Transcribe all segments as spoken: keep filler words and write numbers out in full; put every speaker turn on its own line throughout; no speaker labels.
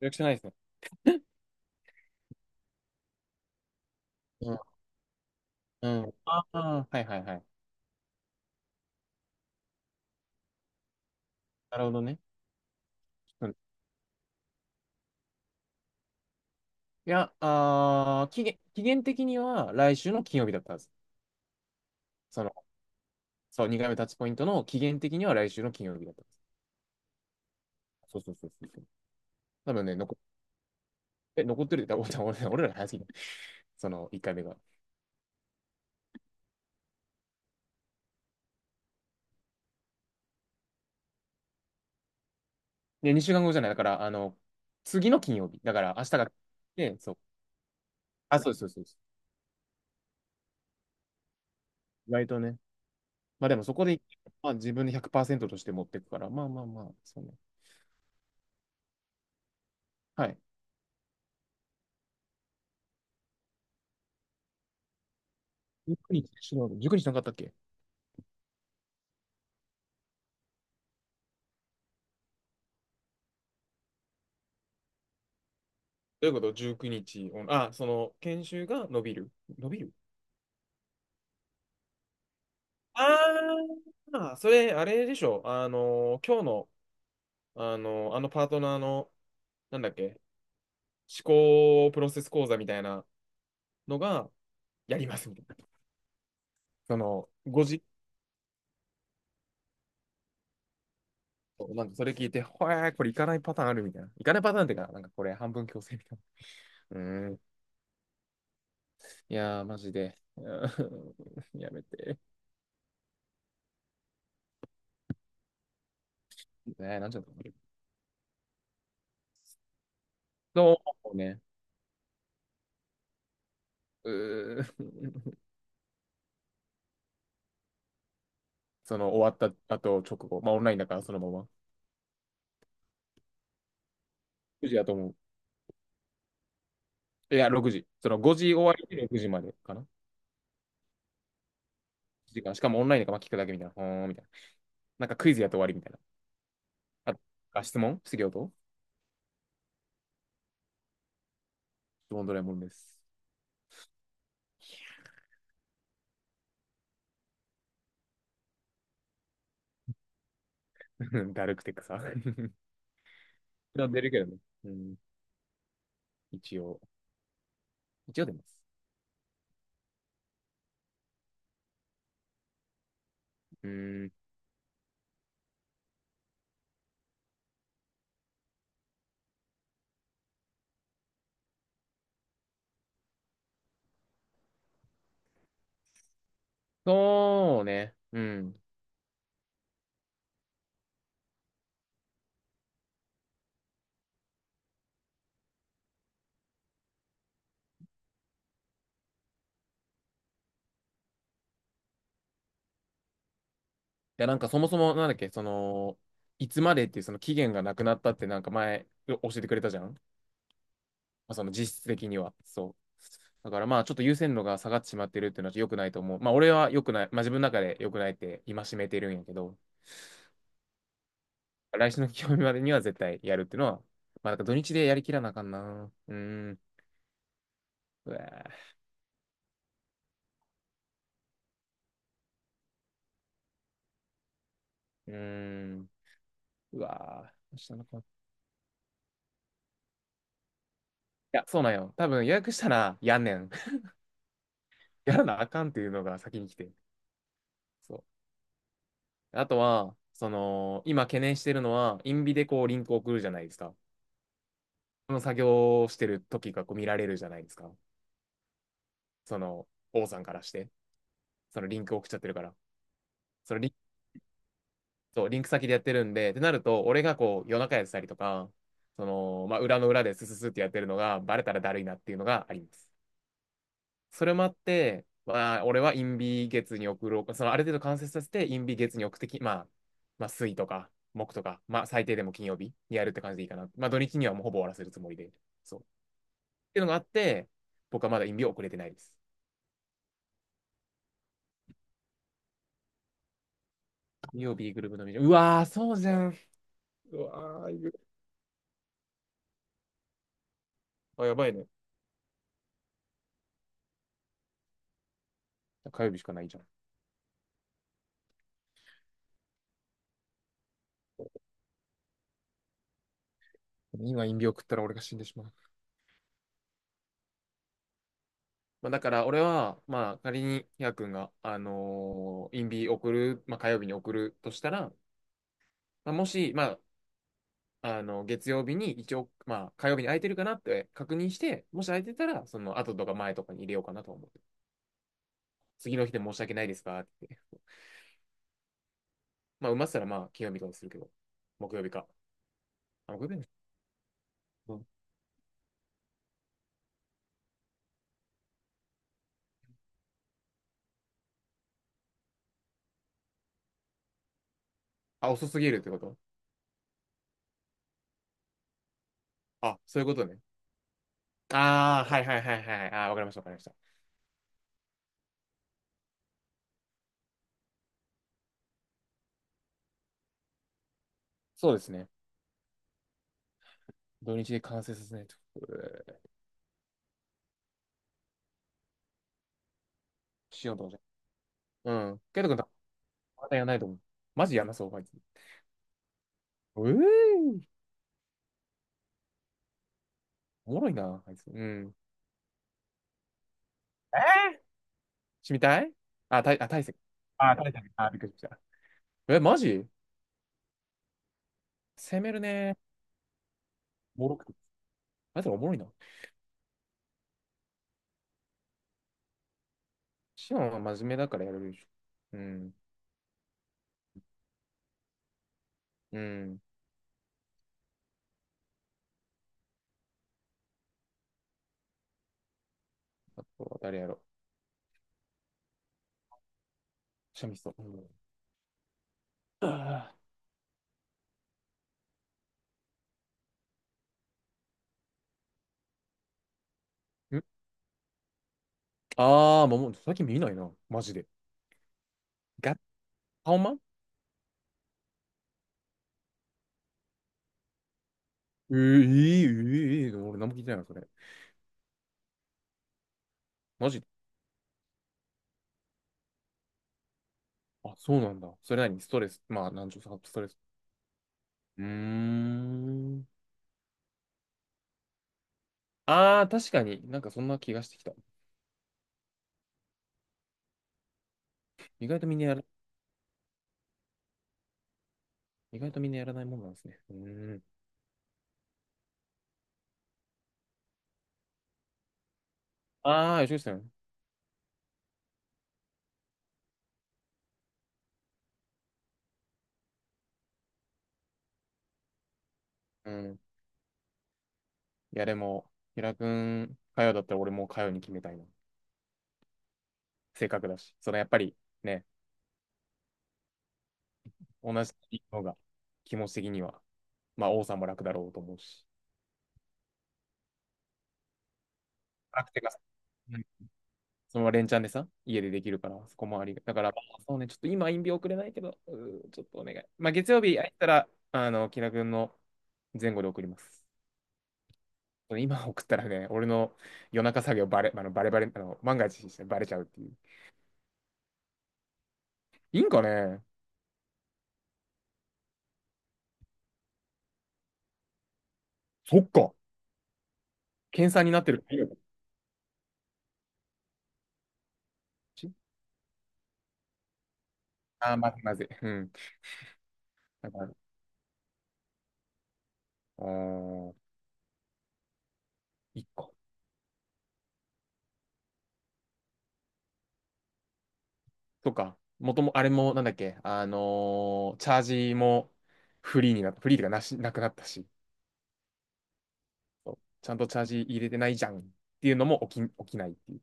予約してないですね。うん。うん。ああ、はいはいはい。なるほどね。うん。いや、あー期限、期限的には来週の金曜日だったはず。その、そう、にかいめタッチポイントの期限的には来週の金曜日だったはず。そうそうそうそうそう。多分ね、残、え、残ってるって言ったら、俺、俺ら早すぎた。そのいっかいめが。で、にしゅうかんごじゃない。だから、あの、次の金曜日。だから、明日が、で、そう。あ、そうそうそうそう。意外とね。まあでも、そこで、まあ自分でひゃくパーセントとして持っていくから、まあまあまあ、そうね。はい。いちに日、しろいちに日なかったっけ？どういうこと？ じゅうくにち 日オン、あ、その、研修が伸びる。伸びる。ああー、それ、あれでしょ。あの、今日の、あの、あのパートナーの、なんだっけ、思考プロセス講座みたいなのが、やりますみたいな。その、ごじ、なんかそれ聞いて、ほえー、これ行かないパターンあるみたいな。行かないパターンっていうか、なんかこれ半分強制みたいな。うーん。いやー、マジで。うーんやめて。ねえ、なんちゃったの？そうね。うーん。その終わった後直後、まあオンラインだからそのまま。くじだと思う。いや、ろくじ。そのごじ終わりでろくじまでかな。時間。しかもオンラインだからまあ聞くだけみたいな。ほーんみたいな。なんかクイズやって終わりみたいな。あ、質問質疑と質問ドラえもんです。だるくて草。出るけどね。うん。一応。一応出ます。うん。そうね。うん。いや、なんかそもそもなんだっけ、その、いつまでっていうその期限がなくなったってなんか前教えてくれたじゃん。その実質的には。そう。だからまあちょっと優先度が下がってしまってるっていうのは良くないと思う。まあ俺は良くない、まあ自分の中で良くないって戒めてるんやけど、来週の金曜日までには絶対やるっていうのは、まあなんか土日でやりきらなあかんな。うーん。うわー。うーん。うわー、明日の金。いや、そうなんよ。多分予約したらやんねん。やらなあかんっていうのが先に来て。そう。あとは、その、今懸念してるのは、インビでこうリンク送るじゃないですか。その作業をしてる時がこう見られるじゃないですか。その、王さんからして、そのリンク送っちゃってるから。そのリンそうリンク先でやってるんで、ってなると、俺がこう、夜中やってたりとか、その、まあ、裏の裏でスススってやってるのが、バレたらだるいなっていうのがあります。それもあって、まあ、俺はインビ月に送ろう。その、ある程度完成させて、インビ月に送ってき、まあ、まあ、水とか、木とか、まあ、最低でも金曜日にやるって感じでいいかな。まあ、土日にはもうほぼ終わらせるつもりで。そう。っていうのがあって、僕はまだインビを送れてないです。金曜日グループのミーティング、うわー、そうじゃん。うわー、あ、やばいね。火曜日しかないじゃん。今、陰病食ったら俺が死んでしまう。まあ、だから俺は、まあ、仮にヒヤ君が、あのー、インビ送る、まあ、火曜日に送るとしたら、まあ、もし、まあ、あの月曜日に一応、まあ、火曜日に空いてるかなって確認して、もし空いてたら、その後とか前とかに入れようかなと思って。次の日で申し訳ないですかって？ まあ、埋まってたら、まあ、金曜日とかするけど、木曜日か。あ、木曜日ね。うん。あ、遅すぎるってこと？あ、そういうことね。ああ、はいはいはいはい。あーわかりました、わかりました。そうですね。土日で完成させないと。えーしようと思って。うん。ケイト君とまたやらないと思う。マジやんなそう、あいつ。ええー、おもろいな、あいつ。うん。えーしみたい。あ、たい、あ、大勢。あ、大勢。あ、びっくりした。え、マジ攻めるね。おもろくて。あいつらおもろいな。シオンは真面目だからやれるでしょ。うん。うん。あとは誰やろう。シャミスト。うん。あー、んあー、もう最近見ないな。マジで。ガッ、ハオマン。えー、えー、えーえー俺何も聞いてないな、それ。マジ。あ、そうなんだ。それ何ストレス。まあ、なんちゅうか、ストレス。うーん。ああ、確かになんかそんな気がしてきた。意外とみんなやら、意外とみんなやらないもんなんですね。うーん。ああ、吉口さん。うん。いや、でも、平くん、かよだったら俺もうかよに決めたいな。性格だし。そのやっぱりね、同じのが気持ち的には、まあ、王さんも楽だろうと思うし。楽てか、うん、そのまま連チャンでさ、家でできるから、そこもありがだから、まあそうね、ちょっと今、陰病送れないけど、うーちょっとお願い。まあ、月曜日空いたら、あの、木田君の前後で送ります。今送ったらね、俺の夜中作業バレ、あのバレバレ、あの万が一してバレちゃうっていう。いいんかね。そっか。検査になってる。ああー、まずいまずい。うん。だから、あー一個。とか、もとも、あれも、なんだっけ、あのーチャージもフリーになった。フリーとかなし、なくなったし。ちゃんとチャージ入れてないじゃんっていうのも起き、起きないっていう。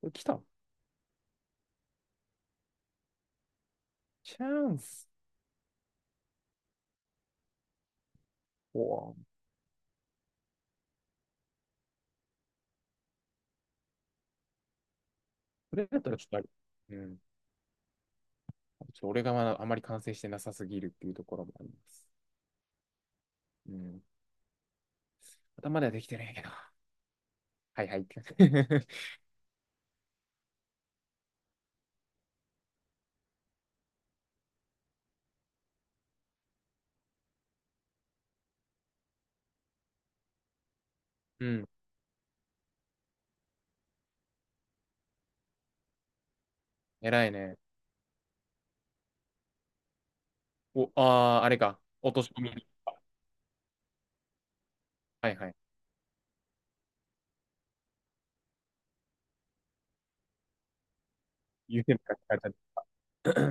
これ来た。チャンス。おぉ。それだったらちょっとある。うん。ちょっと俺がまだあまり完成してなさすぎるっていうところもあります。うん。頭ではできてるんやけど。はいはいって感じ。うん。偉いね。お、ああ、あれか。落とし込み。はいはい。言うても書かれた